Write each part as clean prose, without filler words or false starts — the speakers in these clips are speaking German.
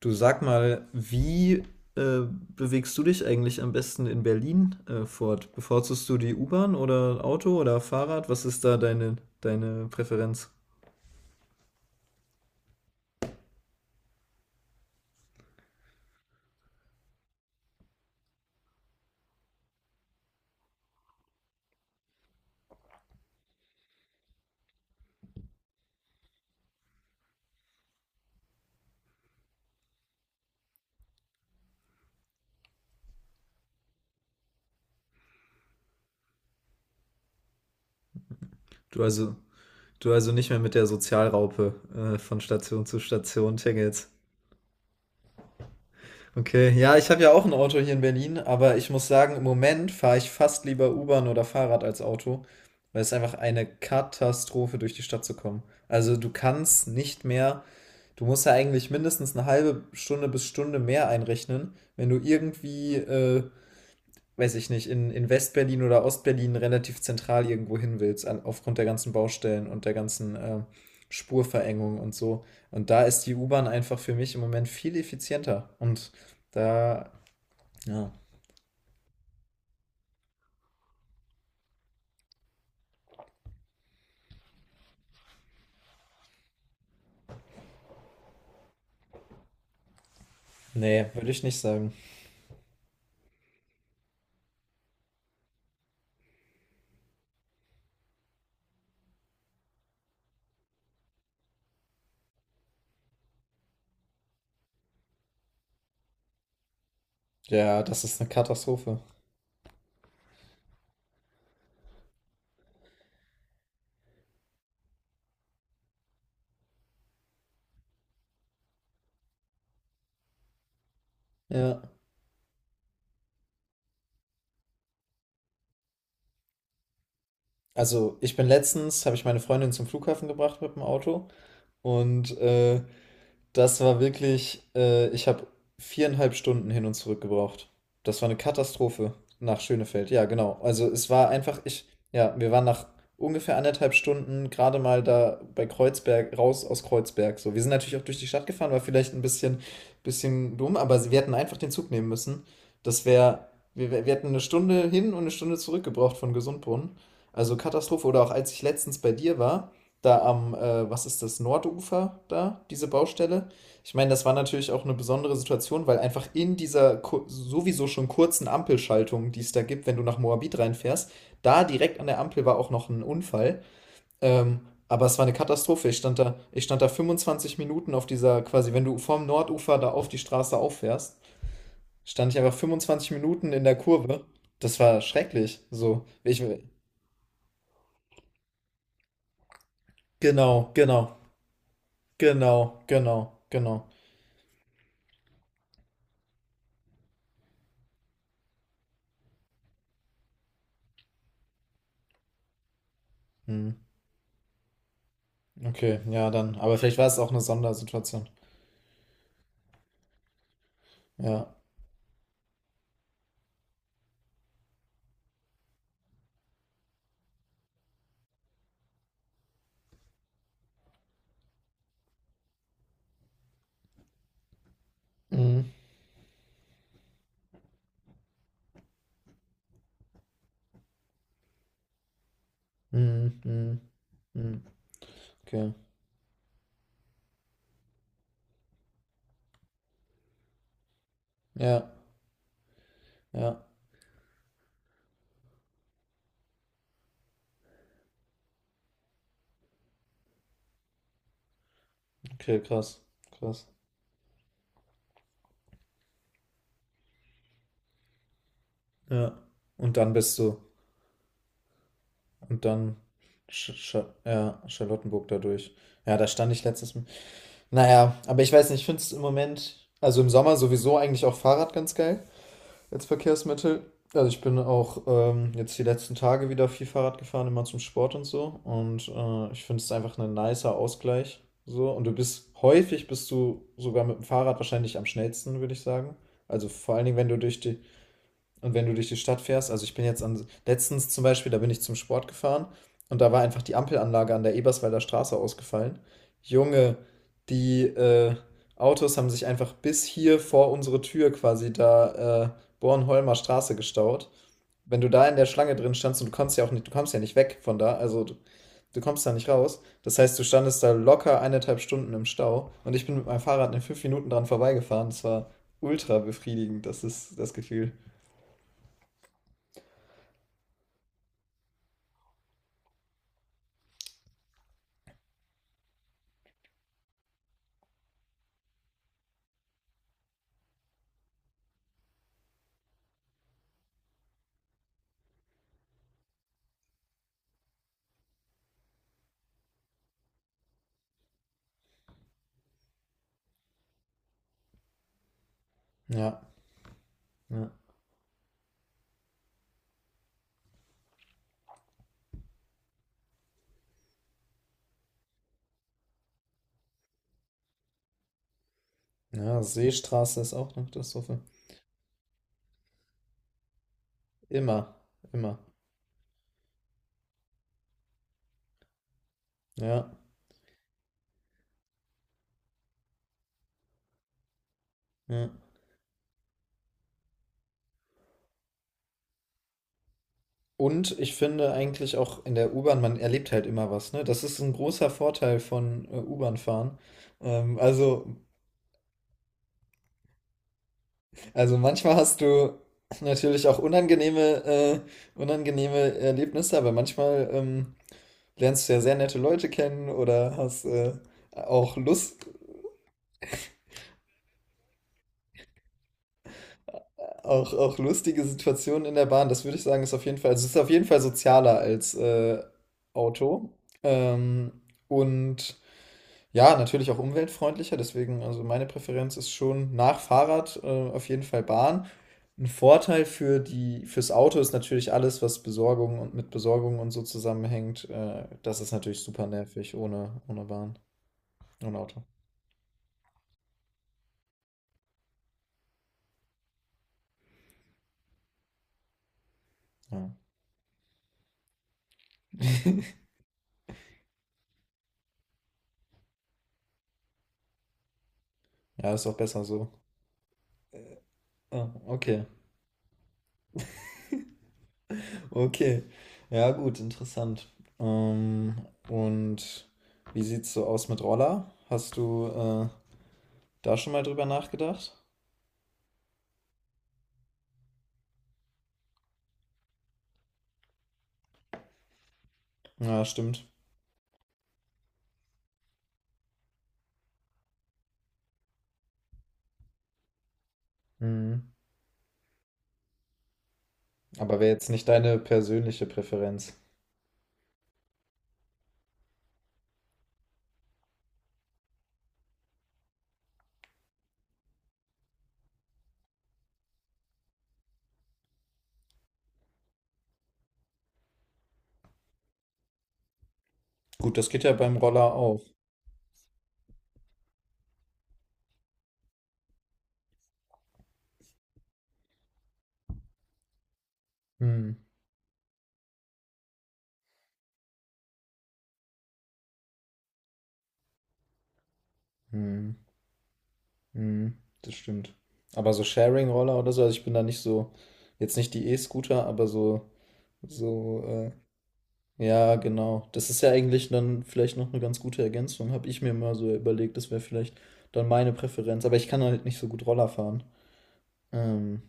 Du, sag mal, wie äh, bewegst du dich eigentlich am besten in Berlin fort? Bevorzugst du die U-Bahn oder Auto oder Fahrrad? Was ist da deine Präferenz? Du also, du also nicht mehr mit der Sozialraupe von Station zu Station tingelst. Okay, ja, ich habe ja auch ein Auto hier in Berlin, aber ich muss sagen, im Moment fahre ich fast lieber U-Bahn oder Fahrrad als Auto, weil es einfach eine Katastrophe, durch die Stadt zu kommen. Also du kannst nicht mehr. Du musst ja eigentlich mindestens eine halbe Stunde bis Stunde mehr einrechnen, wenn du irgendwie, weiß ich nicht, in Westberlin oder Ostberlin relativ zentral irgendwo hin willst, an, aufgrund der ganzen Baustellen und der ganzen Spurverengung und so. Und da ist die U-Bahn einfach für mich im Moment viel effizienter. Und da, ja, nee, würde ich nicht sagen. Ja, das ist eine Katastrophe. Ja. Also, ich bin letztens, habe ich meine Freundin zum Flughafen gebracht mit dem Auto und das war wirklich, ich habe viereinhalb Stunden hin und zurück gebraucht. Das war eine Katastrophe nach Schönefeld. Ja, genau. Also es war einfach, ich, ja, wir waren nach ungefähr anderthalb Stunden gerade mal da bei Kreuzberg, raus aus Kreuzberg. So, wir sind natürlich auch durch die Stadt gefahren, war vielleicht ein bisschen dumm, aber wir hätten einfach den Zug nehmen müssen. Das wäre, wir hätten eine Stunde hin und eine Stunde zurück gebraucht von Gesundbrunnen. Also Katastrophe. Oder auch als ich letztens bei dir war, da am, was ist das, Nordufer da, diese Baustelle. Ich meine, das war natürlich auch eine besondere Situation, weil einfach in dieser ku- sowieso schon kurzen Ampelschaltung, die es da gibt, wenn du nach Moabit reinfährst, da direkt an der Ampel war auch noch ein Unfall. Aber es war eine Katastrophe. Ich stand da 25 Minuten auf dieser, quasi, wenn du vom Nordufer da auf die Straße auffährst, stand ich einfach 25 Minuten in der Kurve. Das war schrecklich. So, ich, genau, genau, genau, genau, genau. Hm. Okay, ja, dann. Aber vielleicht war es auch eine Sondersituation. Ja. Mhm. Mhm. Mhm. Mhm. Okay. Ja. Ja. Okay, krass. Krass. Ja. Und dann bist du. Und dann. Sch Sch ja, Charlottenburg dadurch. Ja, da stand ich letztes Mal. Naja, aber ich weiß nicht, ich finde es im Moment, also im Sommer sowieso eigentlich auch Fahrrad ganz geil als Verkehrsmittel. Also ich bin auch jetzt die letzten Tage wieder viel Fahrrad gefahren, immer zum Sport und so. Und ich finde es einfach ein nicer Ausgleich. So. Und du bist häufig, bist du sogar mit dem Fahrrad wahrscheinlich am schnellsten, würde ich sagen. Also vor allen Dingen, wenn du durch die, und wenn du durch die Stadt fährst, also ich bin jetzt an, letztens zum Beispiel, da bin ich zum Sport gefahren und da war einfach die Ampelanlage an der Eberswalder Straße ausgefallen. Junge, die Autos haben sich einfach bis hier vor unsere Tür quasi da Bornholmer Straße gestaut. Wenn du da in der Schlange drin standst und du kommst ja auch nicht, du kommst ja nicht weg von da, also du kommst da nicht raus. Das heißt, du standest da locker eineinhalb Stunden im Stau und ich bin mit meinem Fahrrad in 5 Minuten dran vorbeigefahren. Das war ultra befriedigend, das ist das Gefühl. Ja. Ja. Ja, Seestraße ist auch eine Katastrophe. Immer, immer. Ja, ja. Und ich finde eigentlich auch in der U-Bahn, man erlebt halt immer was, ne? Das ist ein großer Vorteil von U-Bahn-Fahren. Ähm, also, also manchmal hast du natürlich auch unangenehme Erlebnisse, aber manchmal lernst du ja sehr nette Leute kennen oder hast auch Lust, auch, auch lustige Situationen in der Bahn, das würde ich sagen, ist auf jeden Fall, also es ist auf jeden Fall sozialer als Auto. Ähm, und ja, natürlich auch umweltfreundlicher, deswegen, also meine Präferenz ist schon nach Fahrrad auf jeden Fall Bahn. Ein Vorteil für die, fürs Auto ist natürlich alles, was Besorgung und mit Besorgung und so zusammenhängt. Das ist natürlich super nervig ohne Bahn, ohne Auto. Ja, ja ist auch besser so. Ah, okay. Okay. Ja, gut, interessant. Ähm, und wie sieht's so aus mit Roller? Hast du da schon mal drüber nachgedacht? Ja, stimmt. Mhm. Aber wäre jetzt nicht deine persönliche Präferenz. Gut, das geht ja beim Roller auch. Mhm. Mhm. Mhm. Das stimmt. Aber so Sharing-Roller oder so, also ich bin da nicht so, jetzt nicht die E-Scooter, aber so, so ja, genau. Das ist ja eigentlich dann vielleicht noch eine ganz gute Ergänzung, habe ich mir mal so überlegt. Das wäre vielleicht dann meine Präferenz, aber ich kann halt nicht so gut Roller fahren. Ähm,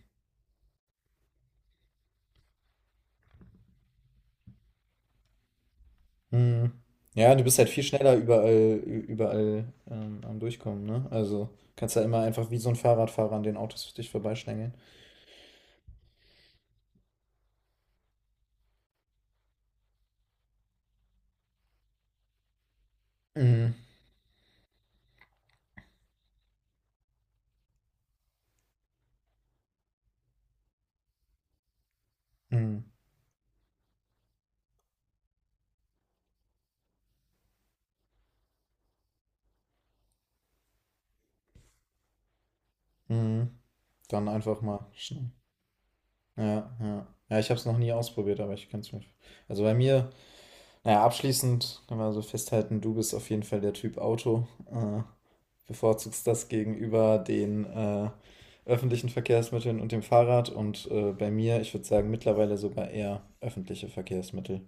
mhm. Ja, du bist halt viel schneller überall, am Durchkommen, ne? Also, kannst ja immer einfach wie so ein Fahrradfahrer an den Autos für dich vorbeischlängeln. Mhm, mhm, mhm. Dann einfach mal schnell. Ja, ja. Ja, ich habe es noch nie ausprobiert, aber ich kann's mir also, bei mir, na ja, abschließend können wir so festhalten, du bist auf jeden Fall der Typ Auto, äh, bevorzugst das gegenüber den öffentlichen Verkehrsmitteln und dem Fahrrad und bei mir, ich würde sagen, mittlerweile sogar eher öffentliche Verkehrsmittel.